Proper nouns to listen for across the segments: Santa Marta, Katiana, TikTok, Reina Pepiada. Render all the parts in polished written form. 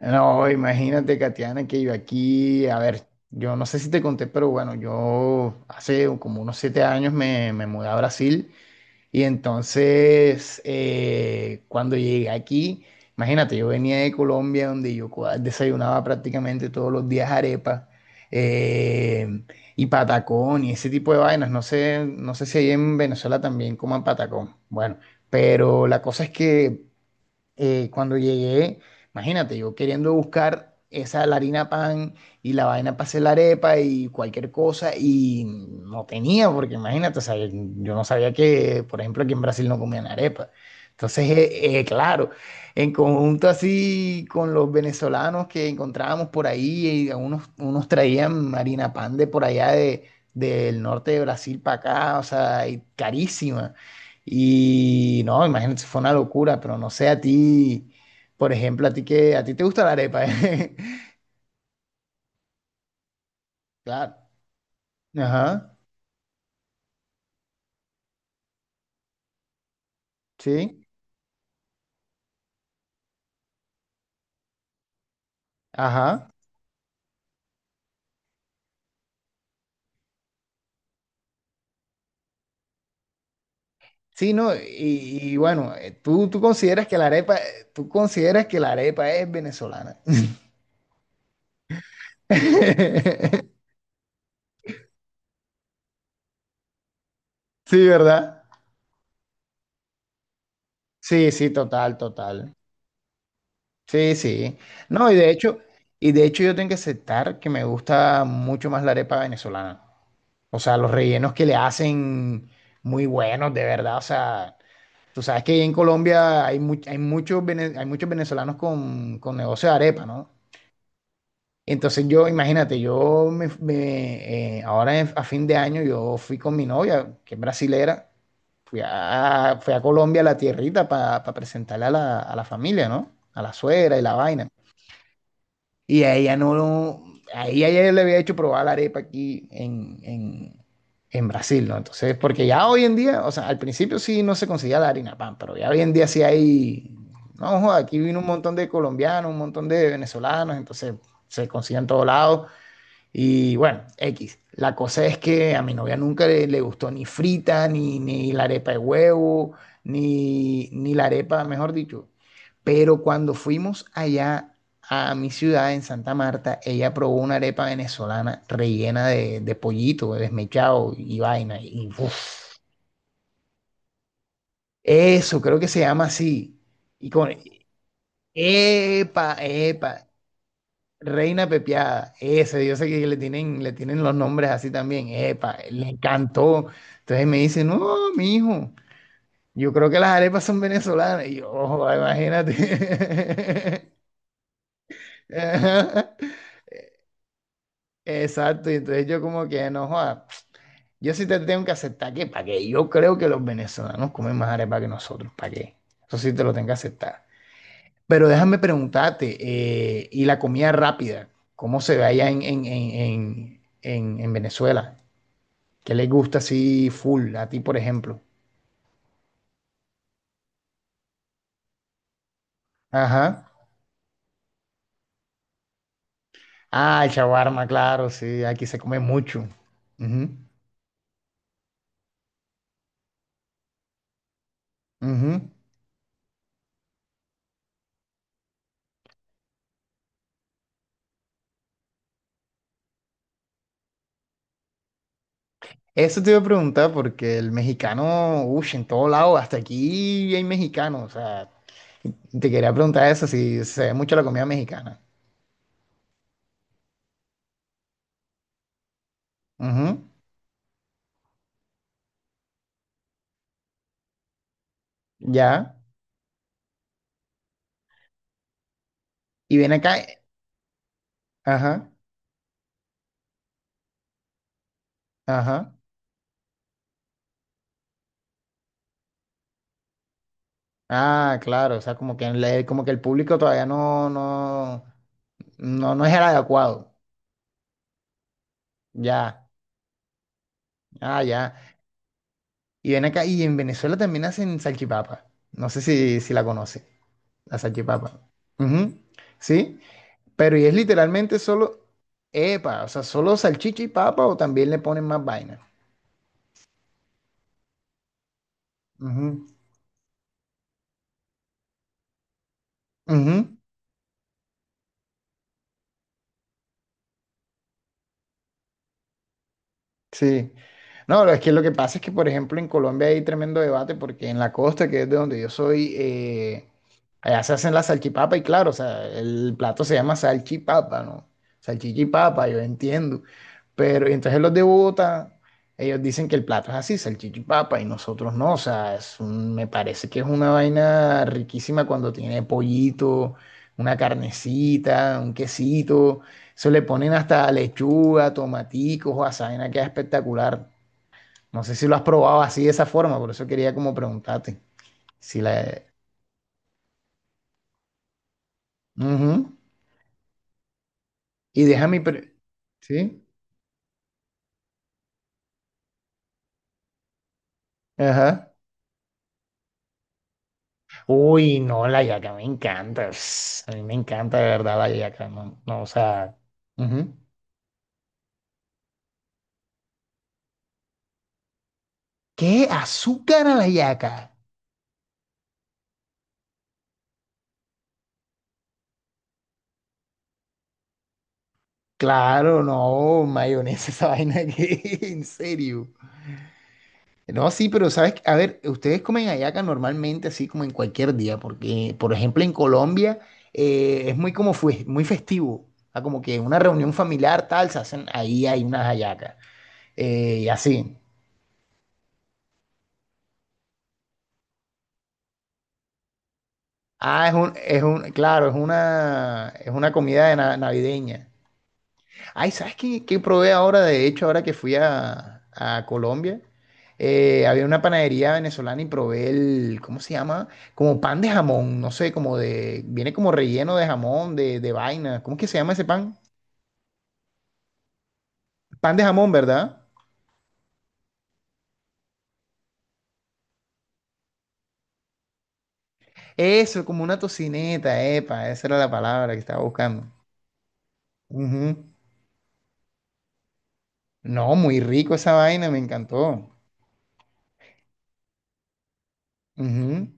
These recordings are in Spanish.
No, imagínate, Katiana, que yo aquí, a ver, yo no sé si te conté, pero bueno, yo hace como unos 7 años me mudé a Brasil y entonces cuando llegué aquí, imagínate, yo venía de Colombia donde yo desayunaba prácticamente todos los días arepa, eh, y patacón y ese tipo de vainas. No sé si ahí en Venezuela también coman patacón. Bueno, pero la cosa es que cuando llegué, imagínate, yo queriendo buscar esa la harina pan y la vaina para hacer la arepa y cualquier cosa y no tenía, porque imagínate, o sea, yo no sabía que, por ejemplo, aquí en Brasil no comían arepa. Entonces, claro, en conjunto así con los venezolanos que encontrábamos por ahí, y unos traían harina pan de por allá de, del norte de Brasil para acá, o sea, y carísima. Y no, imagínate, fue una locura, pero no sé a ti, por ejemplo, a ti que a ti te gusta la arepa, ¿eh? Claro. Ajá. Sí. Ajá. Sí, no, y bueno, tú, tú consideras que la arepa, tú consideras que la arepa es venezolana. Sí, ¿verdad? Sí, sí, total, total. Sí, sí. No, y de hecho yo tengo que aceptar que me gusta mucho más la arepa venezolana. O sea, los rellenos que le hacen muy buenos, de verdad. O sea, tú sabes que en Colombia hay muchos venezolanos con negocio de arepa, ¿no? Entonces yo, imagínate, yo me, me, ahora en- a fin de año yo fui con mi novia, que es brasilera, fui a Colombia, a la tierrita, para presentarle a la familia, ¿no? A la suegra y la vaina. Y a ella no, no- a ella ya le había hecho probar la arepa aquí en Brasil, ¿no? Entonces, porque ya hoy en día, o sea, al principio sí no se conseguía la harina pan, pero ya hoy en día sí hay, no, joda, aquí vino un montón de colombianos, un montón de venezolanos, entonces se consigue en todos lados. Y bueno, X. La cosa es que a mi novia nunca le gustó ni frita, ni la arepa de huevo, ni la arepa, mejor dicho. Pero cuando fuimos allá a mi ciudad, en Santa Marta, ella probó una arepa venezolana rellena de pollito, de desmechado y vaina. Y uf, eso, creo que se llama así. Y con, epa, epa, Reina Pepiada, ese, yo sé que le tienen los nombres así también, epa, le encantó. Entonces me dice, no, mijo, yo creo que las arepas son venezolanas. Y yo, ojo, imagínate. Ajá, exacto, y entonces yo como que, no, joda, yo sí te tengo que aceptar que, ¿para qué? Yo creo que los venezolanos comen más arepa que nosotros, ¿para qué? Eso sí te lo tengo que aceptar. Pero déjame preguntarte, ¿y la comida rápida? ¿Cómo se ve allá en Venezuela? ¿Qué les gusta así full? A ti, por ejemplo. Ajá. Ah, el shawarma, claro, sí, aquí se come mucho. Ujú, ujú. Eso te iba a preguntar porque el mexicano, uy, en todo lado, hasta aquí hay mexicanos. O sea, te quería preguntar eso, si se ve mucho la comida mexicana. Ujú, ya. Y ven acá. Ajá, ajá. Ah, claro, o sea, como que, como que el público todavía no es el adecuado. Ya, ah, ya. Y ven acá, y en Venezuela también hacen salchipapa. No sé si la conoce, la salchipapa. Ujú, sí, pero y es literalmente solo, epa, o sea, solo salchicha y papa o también le ponen más vaina. Ujú, ujú. Sí. No, es que lo que pasa es que, por ejemplo, en Colombia hay tremendo debate porque en la costa, que es de donde yo soy, allá se hacen la salchipapa y claro, o sea, el plato se llama salchipapa, ¿no? Salchicha y papa, yo entiendo. Pero y entonces los de Bogotá, ellos dicen que el plato es así, salchicha y papa, y nosotros no, o sea, me parece que es una vaina riquísima cuando tiene pollito, una carnecita, un quesito. Eso le ponen hasta lechuga, tomaticos, o azaina, queda espectacular. No sé si lo has probado así de esa forma, por eso quería como preguntarte. Si la... Ujú. Y déjame... ¿Sí? Ajá. Uy, no, la yaca me encanta. Ps, a mí me encanta de verdad la yaca. No, no, o sea... ujú. ¿Qué? ¿Azúcar a la yaca? Claro, no, mayonesa esa vaina que... En serio. No, sí, pero sabes, a ver, ustedes comen hallaca normalmente así como en cualquier día, porque por ejemplo en Colombia, es muy festivo, ah, como que una reunión familiar tal, se hacen, ahí hay unas hallacas, y así. Ah, claro, es una comida de navideña. Ay, ¿sabes qué probé ahora? De hecho, ahora que fui a Colombia, había una panadería venezolana y probé el, ¿cómo se llama? Como pan de jamón, no sé, como de, viene como relleno de jamón, de vaina. ¿Cómo es que se llama ese pan? Pan de jamón, ¿verdad? Eso, como una tocineta, epa, esa era la palabra que estaba buscando. Ujú. No, muy rico esa vaina, me encantó. Ujú.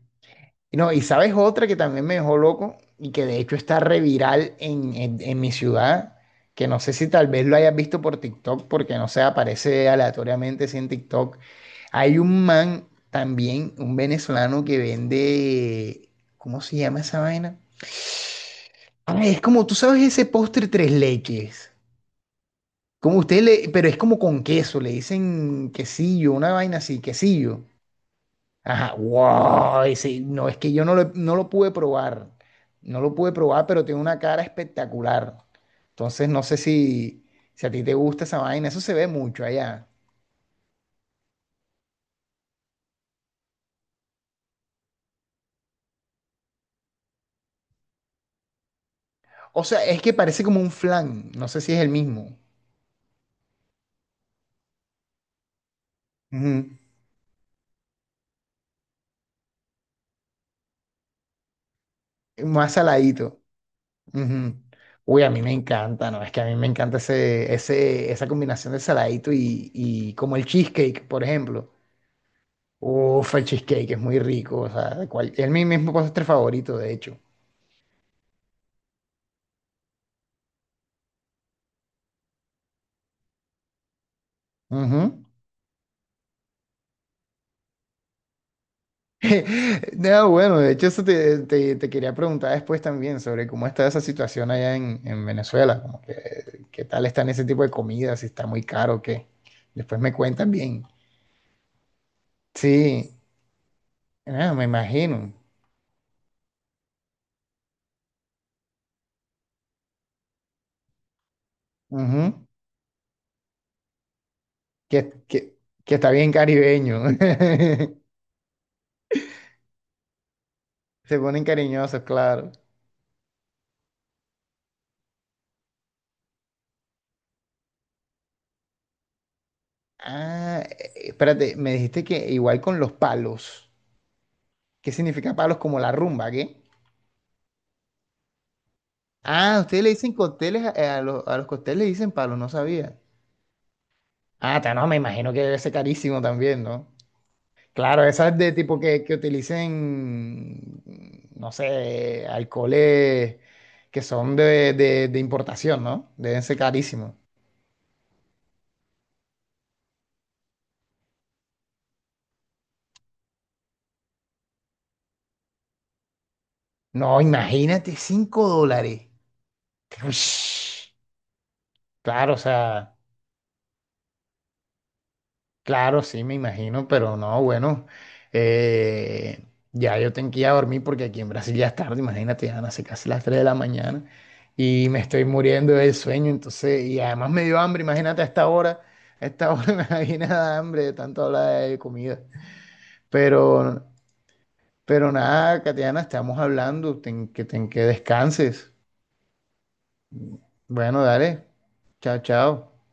Y no, y sabes otra que también me dejó loco y que de hecho está reviral en mi ciudad, que no sé si tal vez lo hayas visto por TikTok, porque no sé, aparece aleatoriamente sí, en TikTok. Hay un man también, un venezolano que vende, ¿cómo se llama esa vaina? Ah, es como, tú sabes ese postre tres leches, como usted le, pero es como con queso, le dicen quesillo, una vaina así, quesillo. Ajá, wow, no, es que yo no lo, no lo pude probar, no lo pude probar, pero tiene una cara espectacular. Entonces no sé si a ti te gusta esa vaina, eso se ve mucho allá. O sea, es que parece como un flan, no sé si es el mismo, ujú, más saladito. Ujú. Uy, a mí me encanta, ¿no? Es que a mí me encanta esa combinación de saladito y como el cheesecake, por ejemplo. Uf, el cheesecake es muy rico, o sea, es mi mismo postre favorito, de hecho. Ujú. No, bueno, de hecho eso te quería preguntar después también sobre cómo está esa situación allá en Venezuela, como que, qué tal están ese tipo de comidas, si está muy caro o qué. Después me cuentan bien. Sí, ah, me imagino. Ujú. Que, que, que está bien caribeño. Se ponen cariñosos, claro. Ah, espérate, me dijiste que igual con los palos. ¿Qué significa palos como la rumba, qué? Ah, ustedes le dicen cócteles, a los cócteles le dicen palos, no sabía. Ah, no, me imagino que debe ser carísimo también, ¿no? Claro, esas de tipo que utilicen, no sé, alcoholes que son de importación, ¿no? Deben ser carísimos. No, imagínate, $5. Ush. Claro, o sea. Claro, sí, me imagino, pero no, bueno, eh, ya yo tengo que ir a dormir porque aquí en Brasil ya es tarde, imagínate, ya van a ser casi las 3 de la mañana y me estoy muriendo del sueño, entonces, y además me dio hambre, imagínate a esta hora, a esta hora me da bien a hambre de tanto hablar de comida, pero, pero nada, Katiana, estamos hablando, que descanses, bueno, dale, chao, chao.